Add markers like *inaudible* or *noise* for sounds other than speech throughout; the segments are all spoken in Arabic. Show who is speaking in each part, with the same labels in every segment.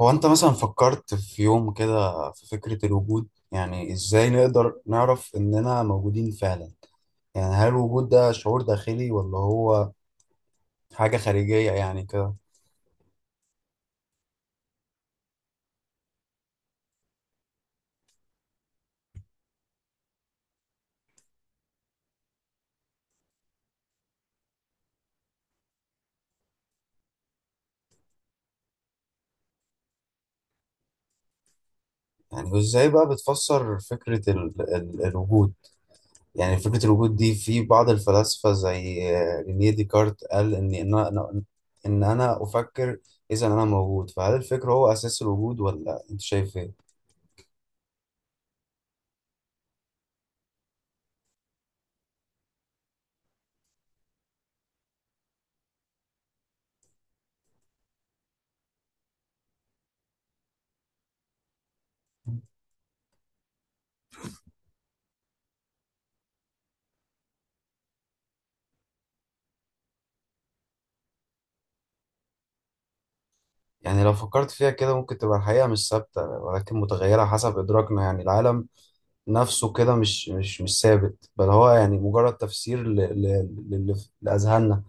Speaker 1: هو انت مثلا فكرت في يوم كده في فكرة الوجود؟ يعني ازاي نقدر نعرف اننا موجودين فعلا؟ يعني هل الوجود ده شعور داخلي ولا هو حاجة خارجية يعني كده؟ يعني وازاي بقى بتفسر فكرة ال الوجود؟ يعني فكرة الوجود دي في بعض الفلاسفة زي رينيه ديكارت، قال ان انا افكر، اذا انا موجود. فهل الفكر هو اساس الوجود، ولا انت شايف ايه؟ يعني لو فكرت فيها كده، ممكن تبقى الحقيقة مش ثابتة ولكن متغيرة حسب إدراكنا. يعني العالم نفسه كده مش ثابت، بل هو يعني مجرد تفسير لأذهاننا.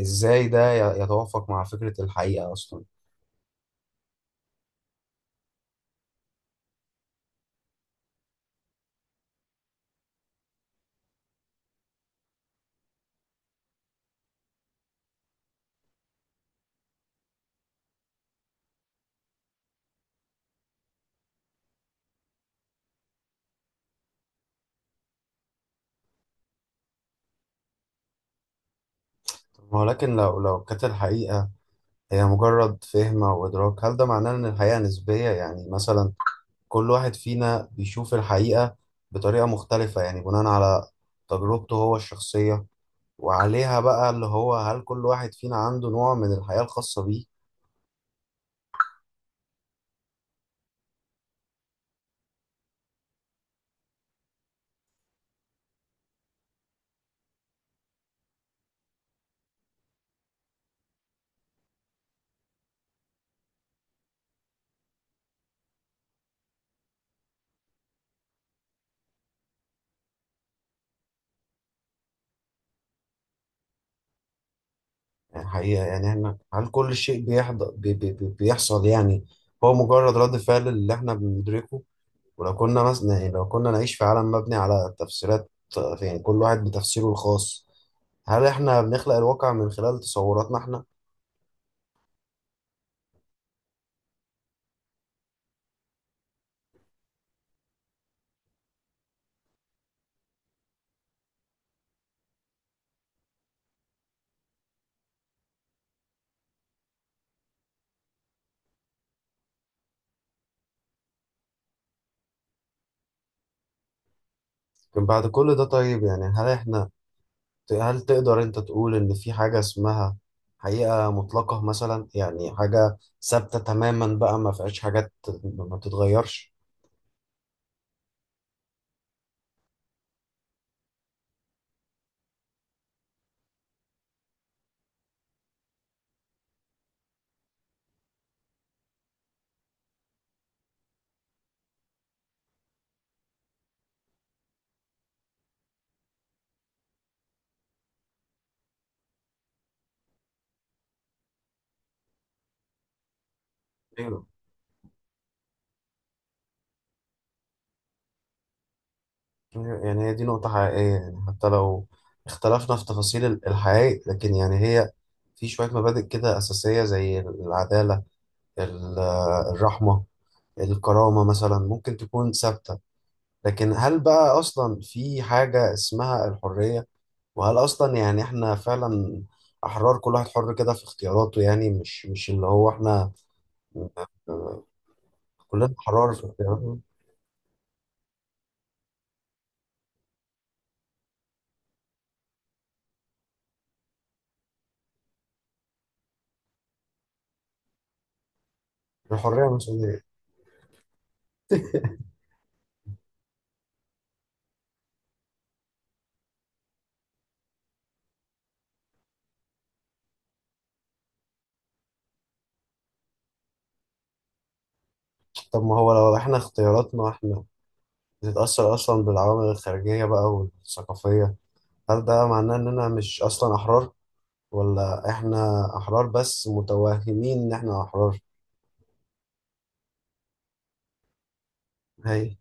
Speaker 1: إزاي ده يتوافق مع فكرة الحقيقة أصلا؟ ولكن لو كانت الحقيقة هي مجرد فهم أو إدراك، هل ده معناه إن الحقيقة نسبية؟ يعني مثلا كل واحد فينا بيشوف الحقيقة بطريقة مختلفة، يعني بناء على تجربته هو الشخصية. وعليها بقى اللي هو، هل كل واحد فينا عنده نوع من الحياة الخاصة بيه؟ يعني حقيقة، يعني احنا، هل كل شيء بيحض... بي... بي... بي- بيحصل يعني هو مجرد رد فعل اللي احنا بندركه؟ ولو كنا مثلا، يعني لو كنا نعيش في عالم مبني على تفسيرات، يعني كل واحد بتفسيره الخاص، هل احنا بنخلق الواقع من خلال تصوراتنا احنا؟ لكن بعد كل ده طيب، يعني هل احنا، هل تقدر انت تقول ان في حاجة اسمها حقيقة مطلقة مثلا؟ يعني حاجة ثابتة تماما بقى ما فيهاش حاجات ما بتتغيرش؟ ايوه. أيوة، يعني هي دي نقطة حقيقية. يعني حتى لو اختلفنا في تفاصيل الحقائق، لكن يعني هي في شوية مبادئ كده أساسية زي العدالة، ال- الرحمة، الكرامة، مثلا ممكن تكون ثابتة. لكن هل بقى أصلا في حاجة اسمها الحرية؟ وهل اصلا يعني احنا فعلا احرار؟ كل واحد حر كده في اختياراته، يعني مش اللي هو احنا. آه، كلنا احرار في اختياراتنا. الحريه مش. *laughs* طب ما هو لو احنا اختياراتنا احنا بتتاثر اصلا بالعوامل الخارجيه بقى والثقافيه، هل ده معناه اننا مش اصلا احرار، ولا احنا احرار بس متوهمين ان احنا احرار؟ هي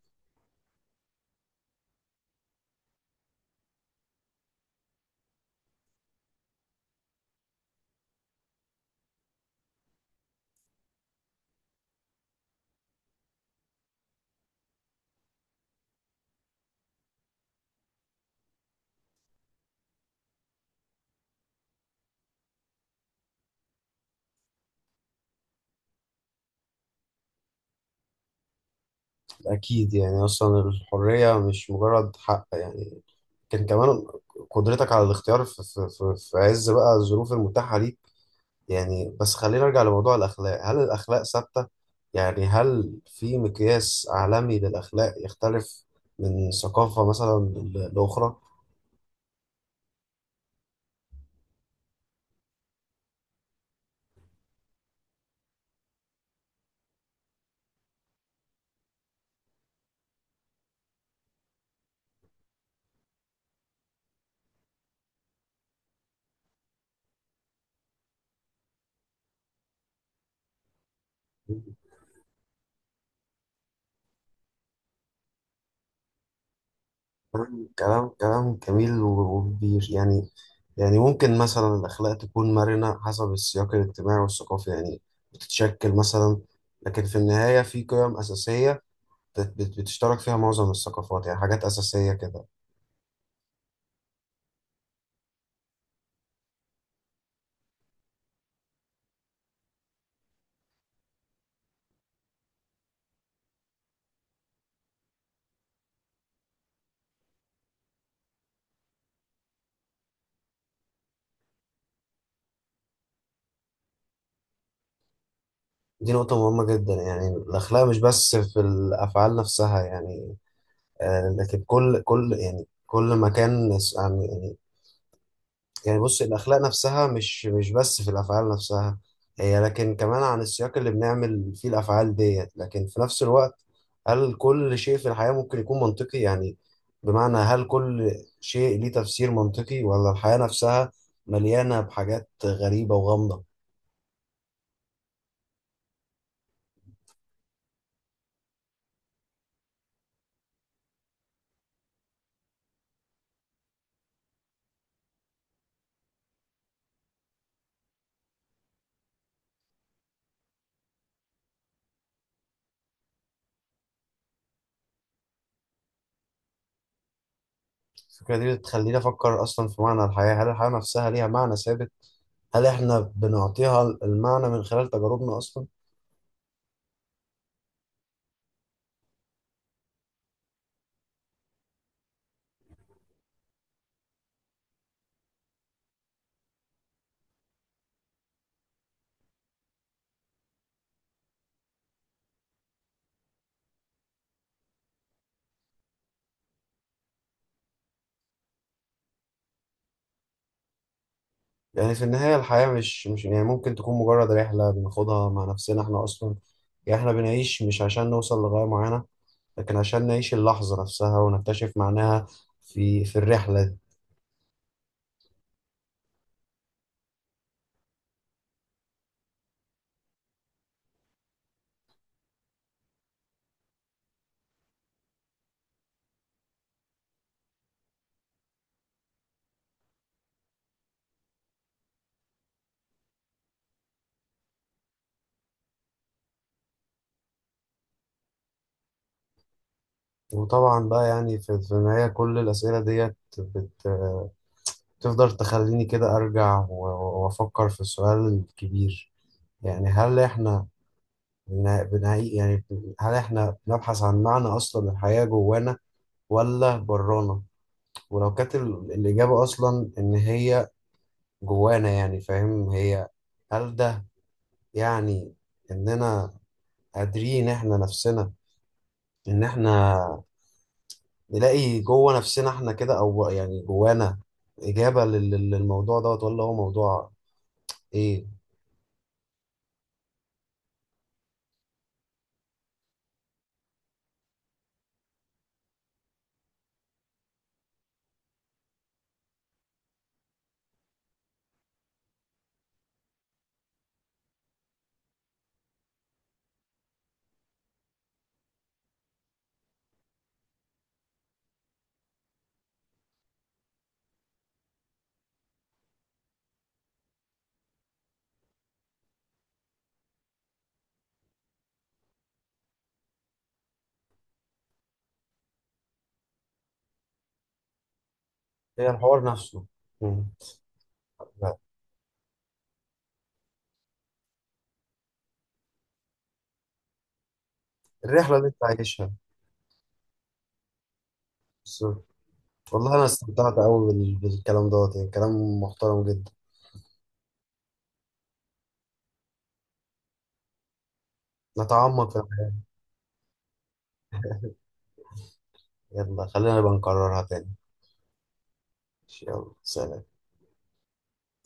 Speaker 1: اكيد. يعني اصلا الحريه مش مجرد حق، يعني كان كمان قدرتك على الاختيار في عز بقى الظروف المتاحة ليك. يعني بس خلينا نرجع لموضوع الأخلاق. هل الأخلاق ثابتة؟ يعني هل في مقياس عالمي للأخلاق يختلف من ثقافة مثلا لأخرى؟ كلام جميل وبير يعني. يعني ممكن مثلا الأخلاق تكون مرنة حسب السياق الاجتماعي والثقافي، يعني بتتشكل مثلا. لكن في النهاية في قيم أساسية بتشترك فيها معظم الثقافات، يعني حاجات أساسية كده. دي نقطة مهمة جدا. يعني الأخلاق مش بس في الأفعال نفسها، يعني لكن كل يعني كل مكان يعني، يعني بص الأخلاق نفسها مش بس في الأفعال نفسها هي، لكن كمان عن السياق اللي بنعمل فيه الأفعال ديت. لكن في نفس الوقت، هل كل شيء في الحياة ممكن يكون منطقي؟ يعني بمعنى، هل كل شيء ليه تفسير منطقي، ولا الحياة نفسها مليانة بحاجات غريبة وغامضة؟ الفكرة دي بتخليني أفكر أصلا في معنى الحياة. هل الحياة نفسها ليها معنى ثابت؟ هل إحنا بنعطيها المعنى من خلال تجاربنا أصلا؟ يعني في النهاية الحياة مش يعني ممكن تكون مجرد رحلة بناخدها مع نفسنا إحنا أصلا. يعني إحنا بنعيش مش عشان نوصل لغاية معينة، لكن عشان نعيش اللحظة نفسها ونكتشف معناها في الرحلة دي. وطبعا بقى يعني في النهاية كل الأسئلة ديت بتفضل تخليني كده أرجع وأفكر في السؤال الكبير. يعني هل إحنا هل احنا بنبحث عن معنى اصلا؟ الحياة جوانا ولا برانا؟ ولو كانت الاجابة اصلا ان هي جوانا يعني فاهم هي، هل ده يعني اننا قادرين احنا نفسنا ان احنا نلاقي جوه نفسنا احنا كده، او يعني جوانا اجابة للموضوع دوت، ولا هو موضوع ايه؟ هي الحوار نفسه. مم. الرحلة اللي انت عايشها. والله انا استمتعت قوي بالكلام دوت، يعني كلام محترم جدا. نتعمق في الحاجات. يلا خلينا نبقى نكررها تاني. يلا سلام.